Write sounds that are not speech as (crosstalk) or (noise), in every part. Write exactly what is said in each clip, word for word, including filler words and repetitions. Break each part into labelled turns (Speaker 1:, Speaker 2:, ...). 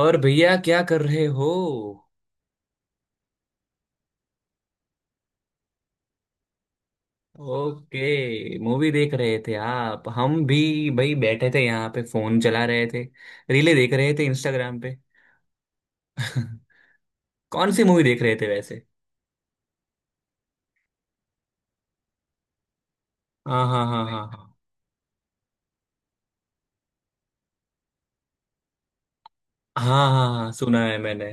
Speaker 1: और भैया क्या कर रहे हो? ओके, मूवी देख रहे थे आप। हम भी भाई बैठे थे यहाँ पे, फोन चला रहे थे। रीले देख रहे थे इंस्टाग्राम पे। (laughs) कौन सी मूवी देख रहे थे वैसे? हाँ हाँ हाँ हाँ, हाँ हाँ हाँ हाँ सुना है मैंने।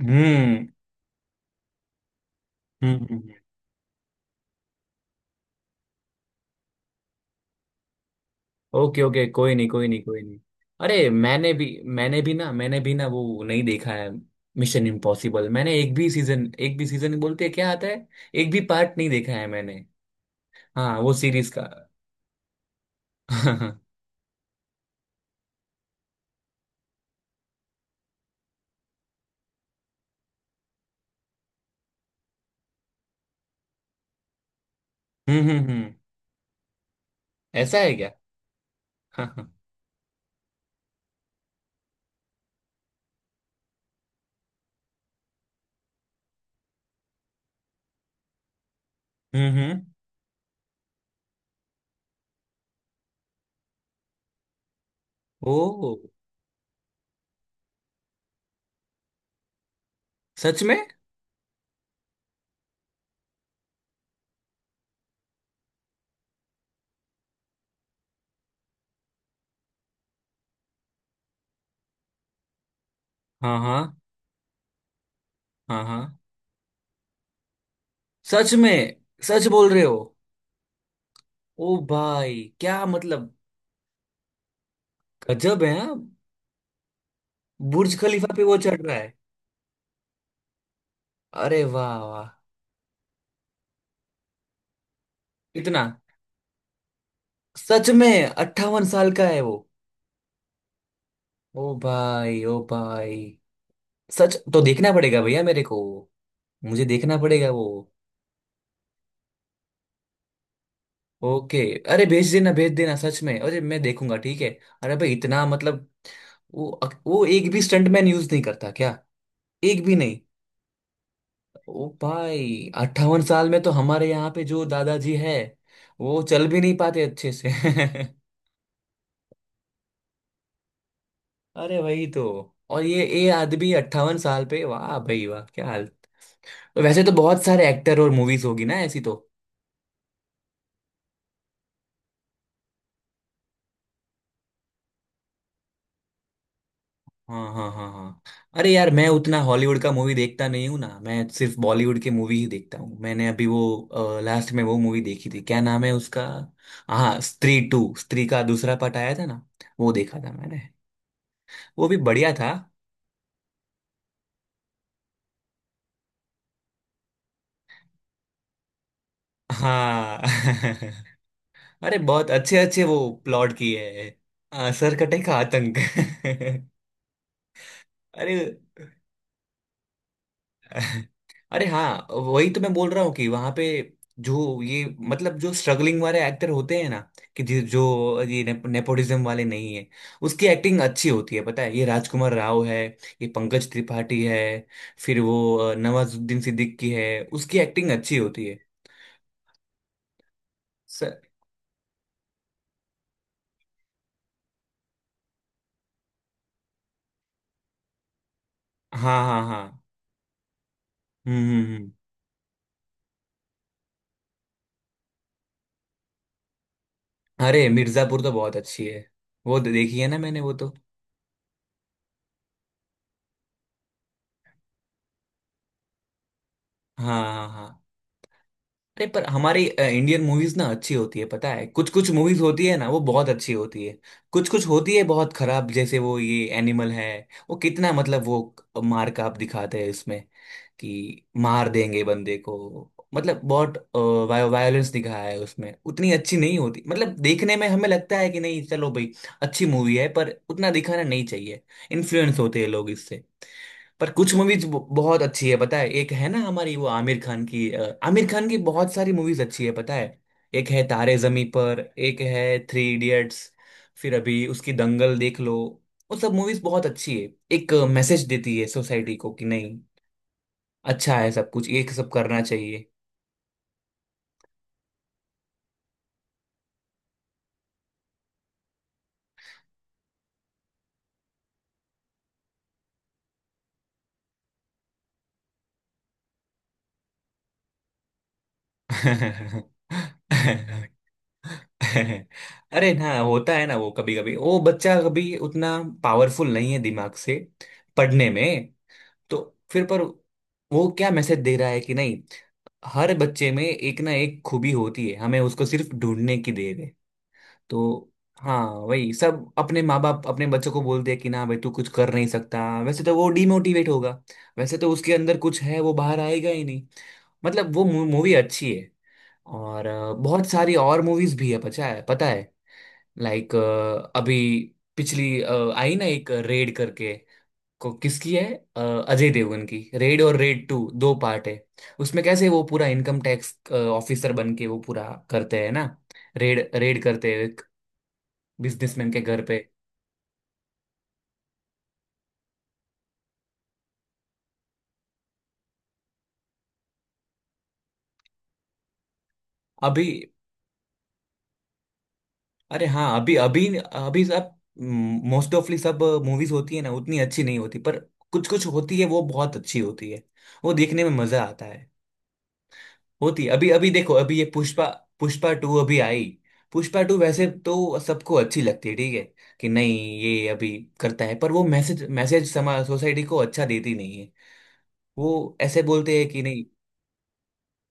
Speaker 1: हम्म हम्म हम्म, हम्म। ओके ओके, कोई नहीं कोई नहीं कोई नहीं। अरे मैंने भी मैंने भी ना मैंने भी ना वो नहीं देखा है। मिशन इम्पॉसिबल मैंने एक भी सीजन एक भी सीजन बोलते हैं, क्या आता है। एक भी पार्ट नहीं देखा है मैंने। हाँ, वो सीरीज का। (laughs) हाँ। हम्म हम्म हम्म। ऐसा है क्या? (laughs) हाँ हाँ। हम्म हम्म। ओ, सच में? हाँ हाँ हाँ हाँ। सच में? सच बोल रहे हो? ओ भाई, क्या मतलब! गजब है। हाँ? बुर्ज खलीफा पे वो चढ़ रहा है! अरे वाह वाह! इतना? सच में अट्ठावन साल का है वो? ओ भाई ओ भाई, सच। तो देखना पड़ेगा भैया मेरे को। मुझे देखना पड़ेगा वो। ओके। अरे भेज देना भेज देना सच में। अरे मैं देखूंगा, ठीक है। अरे भाई इतना मतलब, वो वो एक भी स्टंटमैन यूज नहीं करता क्या? एक भी नहीं? ओ भाई, अट्ठावन साल में तो हमारे यहाँ पे जो दादाजी है, वो चल भी नहीं पाते अच्छे से। (laughs) अरे वही तो! और ये ये आदमी अट्ठावन साल पे, वाह भाई वाह, क्या हाल! वैसे तो बहुत सारे एक्टर और मूवीज होगी ना ऐसी तो। हाँ हाँ हाँ हाँ। अरे यार, मैं उतना हॉलीवुड का मूवी देखता नहीं हूँ ना, मैं सिर्फ बॉलीवुड के मूवी ही देखता हूँ। मैंने अभी वो लास्ट में वो मूवी देखी थी, क्या नाम है उसका। हाँ, स्त्री टू। स्त्री का दूसरा पार्ट आया था ना, वो देखा था मैंने। वो भी बढ़िया था। हाँ। (laughs) अरे बहुत अच्छे अच्छे वो प्लॉट किए हैं। आ, सरकटे का आतंक। (laughs) अरे। (laughs) अरे हाँ वही तो मैं बोल रहा हूँ कि वहां पे, जो ये, मतलब जो स्ट्रगलिंग वाले एक्टर होते हैं ना, कि जि- जो ये ने, नेपोटिज्म वाले नहीं है, उसकी एक्टिंग अच्छी होती है पता है। ये राजकुमार राव है, ये पंकज त्रिपाठी है, फिर वो अ, नवाजुद्दीन सिद्दीकी है। उसकी एक्टिंग अच्छी होती है। स- हाँ हाँ हाँ। हम्म हम्म हम्म। अरे मिर्जापुर तो बहुत अच्छी है। वो तो देखी है ना मैंने, वो तो। हाँ हाँ हाँ। अरे पर हमारी अ, इंडियन मूवीज ना अच्छी होती है पता है। कुछ कुछ मूवीज होती है ना वो बहुत अच्छी होती है। कुछ कुछ होती है बहुत खराब, जैसे वो ये एनिमल है, वो कितना मतलब वो मार काप दिखाते हैं इसमें, कि मार देंगे बंदे को। मतलब बहुत वायोलेंस दिखाया है उसमें, उतनी अच्छी नहीं होती, मतलब देखने में हमें लगता है कि नहीं चलो भाई, अच्छी मूवी है पर उतना दिखाना नहीं चाहिए। इन्फ्लुएंस होते हैं लोग इससे। पर कुछ मूवीज बहुत अच्छी है पता है। एक है ना हमारी वो आमिर खान की, अ, आमिर खान की बहुत सारी मूवीज अच्छी है पता है। एक है तारे जमी पर, एक है थ्री इडियट्स, फिर अभी उसकी दंगल देख लो। वो सब मूवीज बहुत अच्छी है, एक मैसेज देती है सोसाइटी को, कि नहीं अच्छा है, सब कुछ ये सब करना चाहिए। (laughs) अरे ना, होता है ना वो कभी कभी, वो बच्चा कभी उतना पावरफुल नहीं है दिमाग से, पढ़ने में। तो फिर पर वो क्या मैसेज दे रहा है कि नहीं, हर बच्चे में एक ना एक खूबी होती है, हमें उसको सिर्फ ढूंढने की देर। तो हाँ वही सब अपने माँ बाप अपने बच्चों को बोलते हैं कि ना भाई तू कुछ कर नहीं सकता, वैसे तो वो डिमोटिवेट होगा, वैसे तो उसके अंदर कुछ है वो बाहर आएगा ही नहीं। मतलब वो मूवी अच्छी है। और अ, बहुत सारी और मूवीज भी है पता है, पता है। लाइक, अभी पिछली अ, आई ना एक रेड करके, को किसकी है, अ, अजय देवगन की, रेड और रेड टू, दो पार्ट है। उसमें कैसे वो पूरा इनकम टैक्स ऑफिसर बन के वो पूरा करते हैं ना, रेड रेड करते हैं बिजनेसमैन के घर पे। अभी। अरे हाँ, अभी अभी अभी सब मोस्ट ऑफली सब मूवीज होती है ना उतनी अच्छी नहीं होती, पर कुछ कुछ होती है वो बहुत अच्छी होती है, वो देखने में मजा आता है। होती है, अभी अभी देखो, अभी ये पुष्पा, पुष्पा टू अभी आई। पुष्पा टू वैसे तो सबको अच्छी लगती है, ठीक है कि नहीं। ये अभी करता है, पर वो मैसेज मैसेज समाज सोसाइटी को अच्छा देती नहीं है, वो ऐसे बोलते हैं कि नहीं।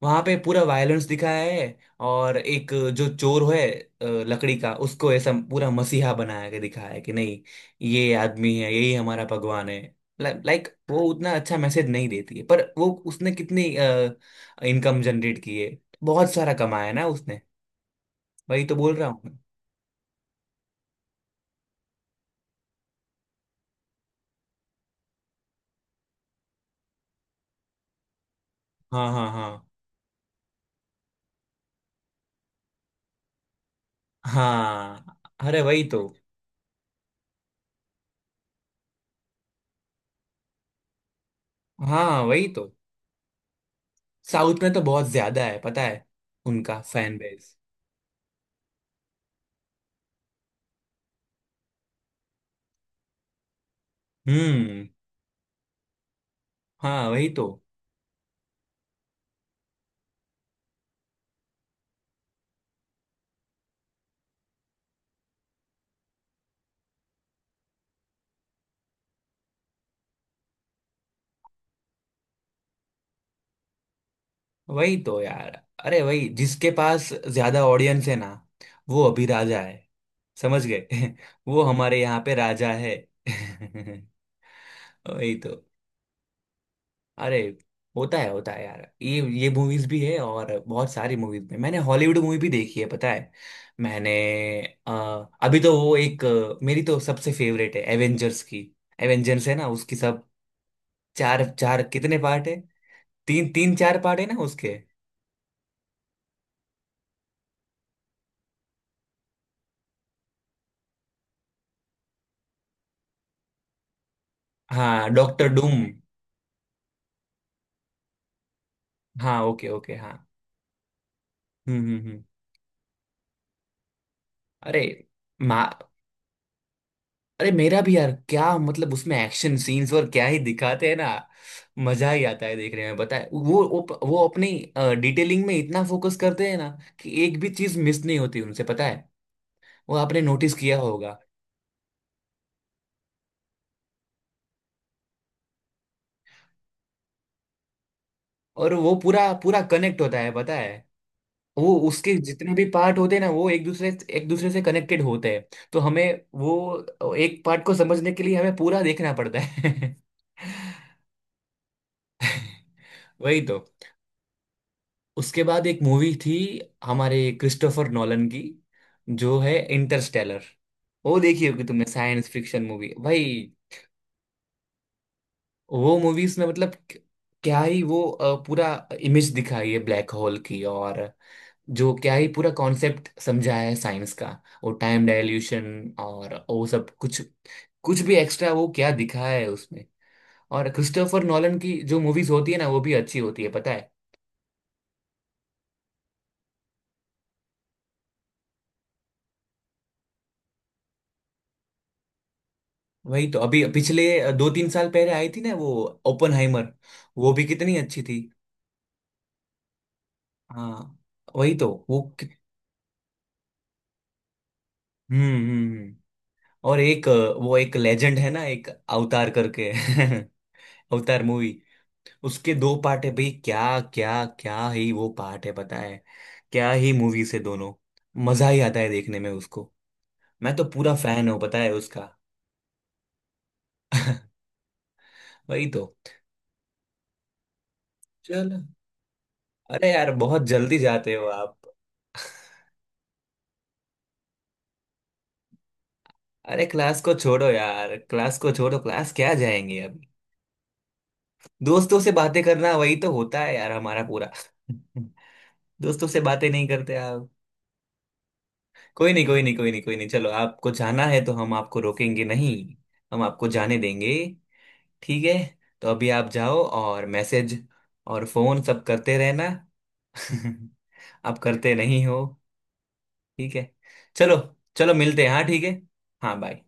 Speaker 1: वहां पे पूरा वायलेंस दिखाया है। और एक जो चोर है, अ, लकड़ी का, उसको ऐसा पूरा मसीहा बनाया के दिखाया है कि नहीं, ये आदमी है, यही हमारा भगवान है। लाइक वो उतना अच्छा मैसेज नहीं देती है, पर वो उसने कितनी इनकम जनरेट की है, बहुत सारा कमाया है ना उसने। वही तो बोल रहा हूँ मैं। हाँ हाँ हाँ हाँ। अरे वही तो। हाँ वही तो। साउथ में तो बहुत ज्यादा है पता है, उनका फैन बेस। हम्म। हाँ वही तो। वही तो यार, अरे वही जिसके पास ज्यादा ऑडियंस है ना, वो अभी राजा है, समझ गए। (laughs) वो हमारे यहाँ पे राजा है। (laughs) वही तो। अरे होता है होता है यार, ये ये मूवीज भी है। और बहुत सारी मूवीज में मैंने हॉलीवुड मूवी भी देखी है पता है, मैंने। अ, अभी तो वो एक, अ, मेरी तो सबसे फेवरेट है एवेंजर्स की। एवेंजर्स है ना उसकी सब, चार चार कितने पार्ट है। तीन तीन चार पार्ट है ना उसके। हाँ, डॉक्टर डूम। हाँ ओके ओके हाँ। हम्म हम्म हम्म। अरे मा अरे मेरा भी यार, क्या मतलब उसमें एक्शन सीन्स और क्या ही दिखाते हैं ना, मजा ही आता है देखने में पता है। वो वो, वो अपनी डिटेलिंग में इतना फोकस करते हैं ना कि एक भी चीज मिस नहीं होती उनसे, पता है वो आपने नोटिस किया होगा। और वो पूरा पूरा कनेक्ट होता है पता है। वो उसके जितने भी पार्ट होते हैं ना वो एक दूसरे एक दूसरे से कनेक्टेड होते हैं, तो हमें वो एक पार्ट को समझने के लिए हमें पूरा देखना पड़ता है। (laughs) वही तो। उसके बाद एक मूवी थी हमारे क्रिस्टोफर नॉलन की, जो है इंटरस्टेलर, वो देखी होगी तुमने, साइंस फिक्शन मूवी भाई। वो मूवीज में मतलब क्या ही वो अ, पूरा इमेज दिखाई है ब्लैक होल की, और जो क्या ही पूरा कॉन्सेप्ट समझाया है साइंस का, वो टाइम डायल्यूशन और वो सब कुछ, कुछ भी एक्स्ट्रा वो क्या दिखाया है उसमें। और क्रिस्टोफर नॉलन की जो मूवीज होती है ना वो भी अच्छी होती है पता है। वही तो, अभी पिछले दो तीन साल पहले आई थी ना वो, ओपनहाइमर। वो भी कितनी अच्छी थी। हाँ वही तो वो कि- हम्म हम्म हम्म। और एक, अ, वो एक लेजेंड है ना, एक अवतार करके। (laughs) अवतार मूवी, उसके दो पार्ट है भाई, क्या, क्या क्या ही वो पार्ट है पता है, क्या ही मूवी से दोनों। मजा ही आता है देखने में उसको, मैं तो पूरा फैन हूँ पता है उसका। (laughs) वही तो। चलो। अरे यार बहुत जल्दी जाते हो आप। (laughs) अरे क्लास को छोड़ो यार, क्लास को छोड़ो, क्लास क्या जाएंगे अब! दोस्तों से बातें करना वही तो होता है यार हमारा पूरा। (laughs) दोस्तों से बातें नहीं करते आप? कोई नहीं कोई नहीं कोई नहीं कोई नहीं, चलो आपको जाना है तो हम आपको रोकेंगे नहीं, हम आपको जाने देंगे, ठीक है। तो अभी आप जाओ, और मैसेज और फोन सब करते रहना। (laughs) आप करते नहीं हो। ठीक है, चलो, चलो मिलते हैं, हाँ ठीक है, हाँ बाय।